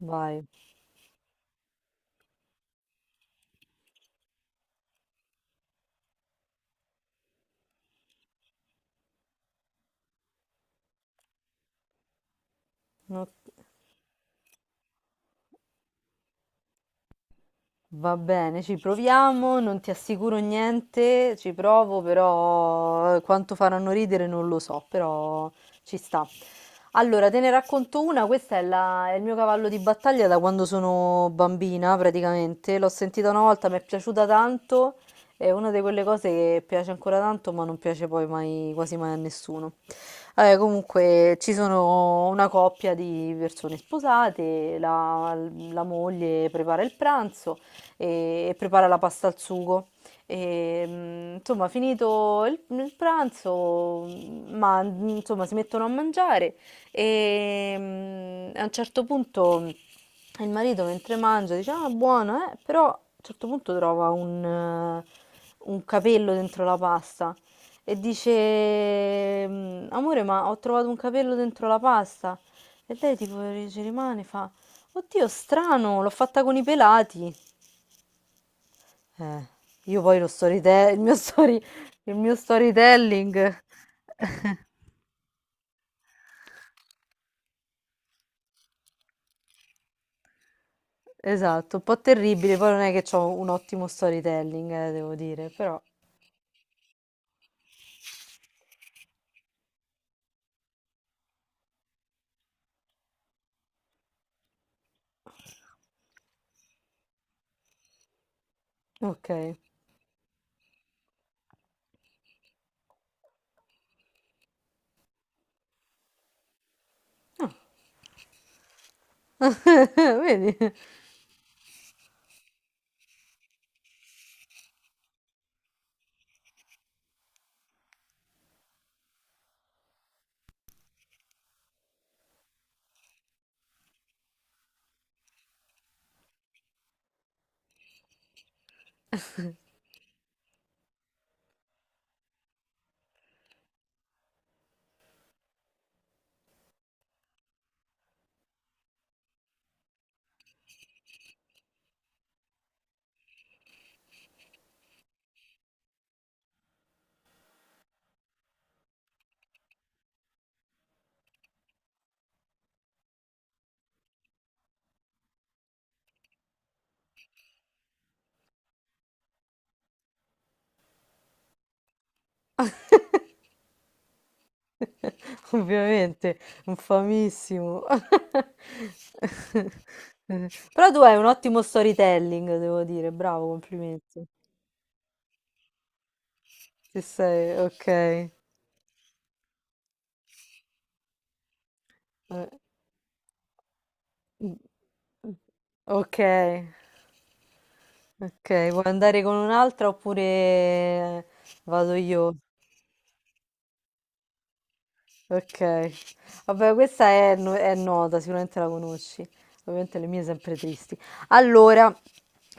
Vai, ok. Va bene, ci proviamo, non ti assicuro niente, ci provo, però quanto faranno ridere non lo so, però ci sta. Allora, te ne racconto una, questa è, è il mio cavallo di battaglia da quando sono bambina, praticamente. L'ho sentita una volta, mi è piaciuta tanto, è una di quelle cose che piace ancora tanto, ma non piace poi mai, quasi mai a nessuno. Comunque ci sono una coppia di persone sposate, la moglie prepara il pranzo e prepara la pasta al sugo. E, insomma, finito il pranzo, insomma, si mettono a mangiare e a un certo punto il marito mentre mangia dice, ah, buono, eh? Però a un certo punto trova un capello dentro la pasta e dice, "Mm, amore, ma ho trovato un capello dentro la pasta." E lei tipo ci rimane, fa, oddio, strano, l'ho fatta con i pelati. Eh, io poi lo storytelling, il mio storytelling, esatto, un po' terribile, poi non è che ho un ottimo storytelling, devo dire, però, ok, vedi, ovviamente, un famissimo, però tu hai un ottimo storytelling, devo dire, bravo, complimenti, ci sei, ok, Eh, mm, mm, ok. Ok, vuoi andare con un'altra oppure vado io? Ok, vabbè, questa è, è nota, sicuramente la conosci. Ovviamente le mie sempre tristi. Allora,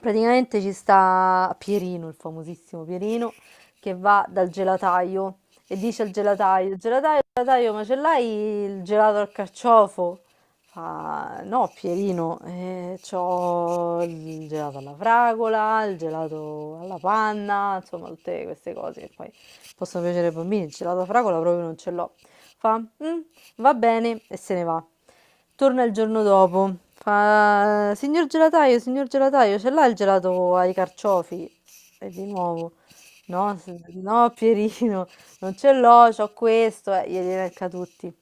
praticamente ci sta Pierino, il famosissimo Pierino, che va dal gelataio e dice al gelataio: gelataio, gelataio, ma ce l'hai il gelato al carciofo? Fa, no, Pierino, c'ho il gelato alla fragola, il gelato alla panna, insomma, tutte queste cose che poi possono piacere ai bambini, il gelato alla fragola proprio non ce l'ho. Fa, "Mm, va bene" e se ne va. Torna il giorno dopo, fa, signor gelataio, ce l'ha il gelato ai carciofi? E di nuovo, no, no Pierino, non ce l'ho, c'ho questo, e glieli elenca tutti.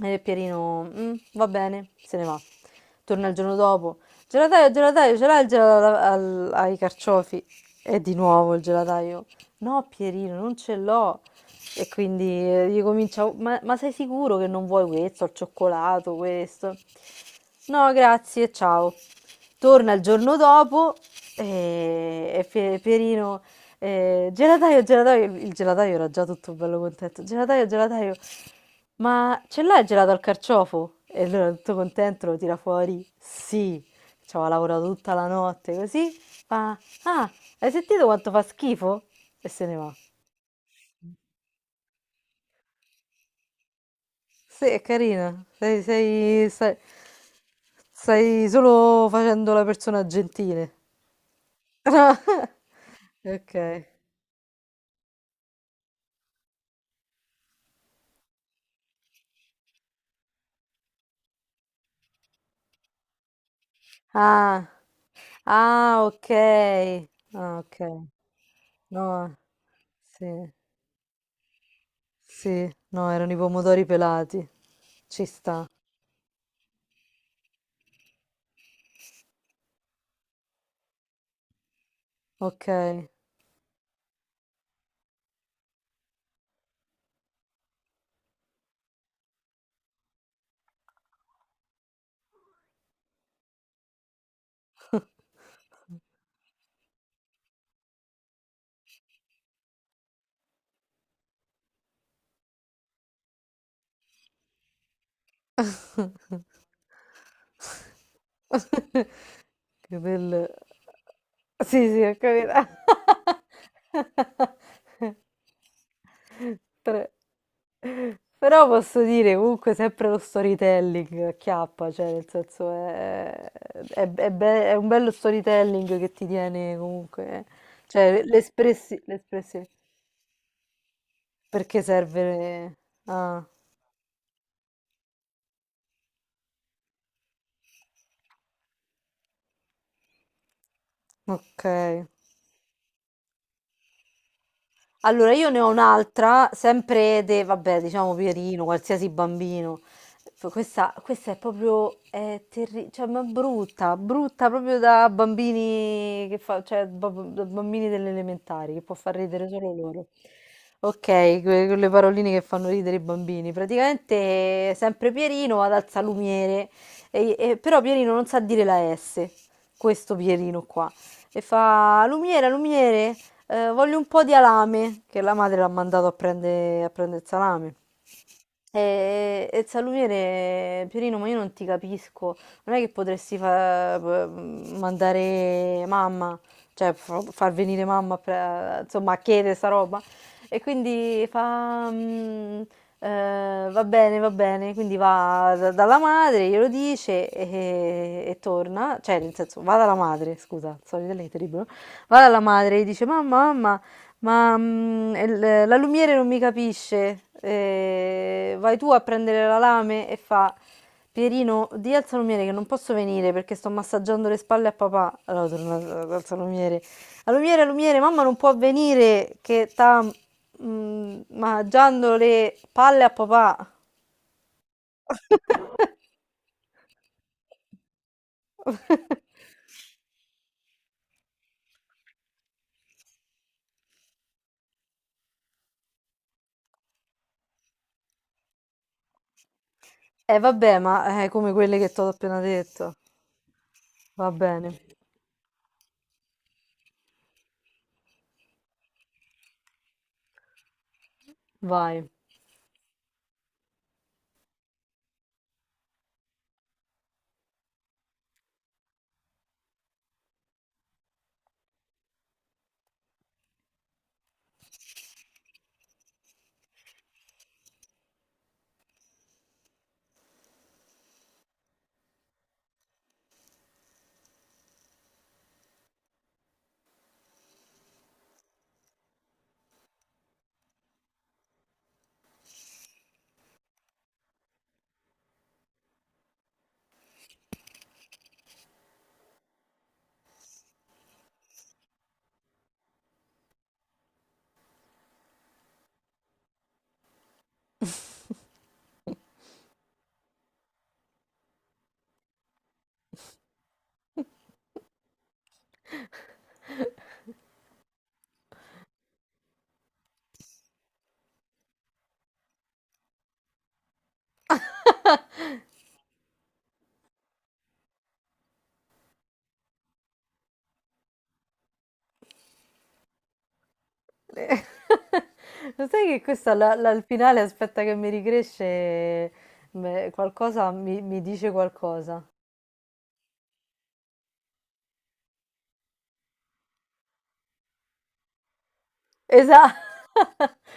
E Pierino, "Mm, va bene", se ne va. Torna il giorno dopo. Gelataio, gelataio, ce l'hai il gelato ai carciofi? E di nuovo il gelataio. No, Pierino, non ce l'ho. E quindi gli comincia, "Oh, ma sei sicuro che non vuoi questo, al cioccolato, questo?" No, grazie, ciao. Torna il giorno dopo e Pierino, gelataio, gelataio, il gelataio era già tutto bello contento. Gelataio, gelataio, ma ce l'hai il gelato al carciofo? E allora tutto contento lo tira fuori. Sì, ci aveva lavorato tutta la notte così. Fa, ah, hai sentito quanto fa schifo? E se ne va. Sì, è carina. Stai solo facendo la persona gentile. Ok. Ah, ah, ok. Ah, ok. No, sì, sì, no, erano i pomodori pelati. Ci sta, ok. Che bel sì, sì, ho capito. 3. Però posso dire comunque sempre lo storytelling acchiappa, cioè nel senso è, è un bello storytelling che ti tiene comunque, eh. Cioè l'espressione, perché serve... Ah, ok. Allora, io ne ho un'altra, sempre de, vabbè, diciamo Pierino, qualsiasi bambino. Questa, questa è proprio, cioè, ma è brutta, brutta proprio da bambini che fa, cioè, da bambini delle elementari, che può far ridere solo loro. Ok, quelle paroline che fanno ridere i bambini. Praticamente, sempre Pierino va dal salumiere, però Pierino non sa dire la S, questo Pierino qua. E fa, lumiere, lumiere, voglio un po' di alame, che la madre l'ha mandato a prendere a prende il salame. E il salumiere, Pierino, ma io non ti capisco. Non è che potresti mandare mamma, cioè far venire mamma, a insomma, a chiedere sta roba. E quindi fa... "Mm, va bene, va bene." Quindi va dalla madre, glielo dice e torna. Cioè, nel senso, va dalla madre, scusa, solito lei è terribile. Va dalla madre e dice, mamma, mamma. Ma, el la lumiere non mi capisce. Vai tu a prendere la lame, e fa: "Pierino, dì alzalumiere che non posso venire perché sto massaggiando le spalle a papà". Allora torna da dall'alzalumiere: "Alumiere, alumiere, mamma non può venire che sta, mangiando le palle a papà". Eh vabbè, ma, come quelle che t'ho appena detto. Va bene, vai. Lo sai che questa al finale aspetta che mi ricresce qualcosa mi dice qualcosa. Esatto.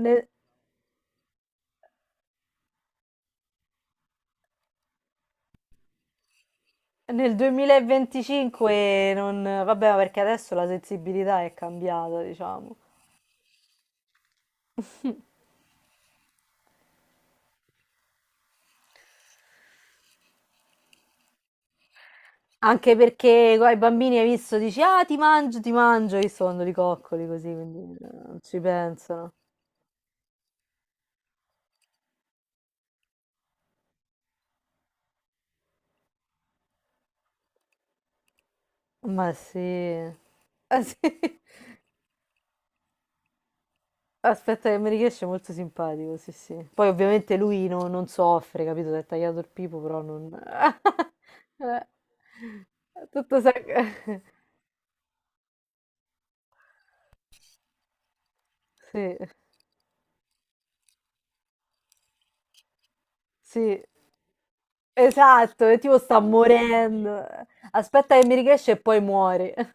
Nel, nel 2025 non... Vabbè, ma perché adesso la sensibilità è cambiata, diciamo. Anche perché ai bambini hai visto, dici, ah, ti mangio, che sono di coccoli così, quindi non ci pensano. Ma sì. Ah, sì. Aspetta che mi riesce, è molto simpatico, sì sì. Poi ovviamente lui non soffre, capito? Si è tagliato il pipo, però non... Eh, tutto sa... Sì, sì, esatto, e tipo sta morendo. Aspetta che mi riesce e poi muore.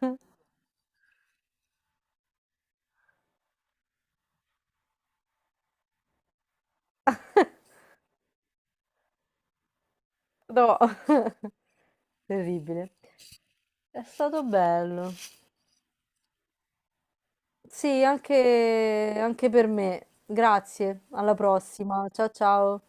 No, terribile. È stato bello. Sì, anche anche per me. Grazie, alla prossima. Ciao ciao.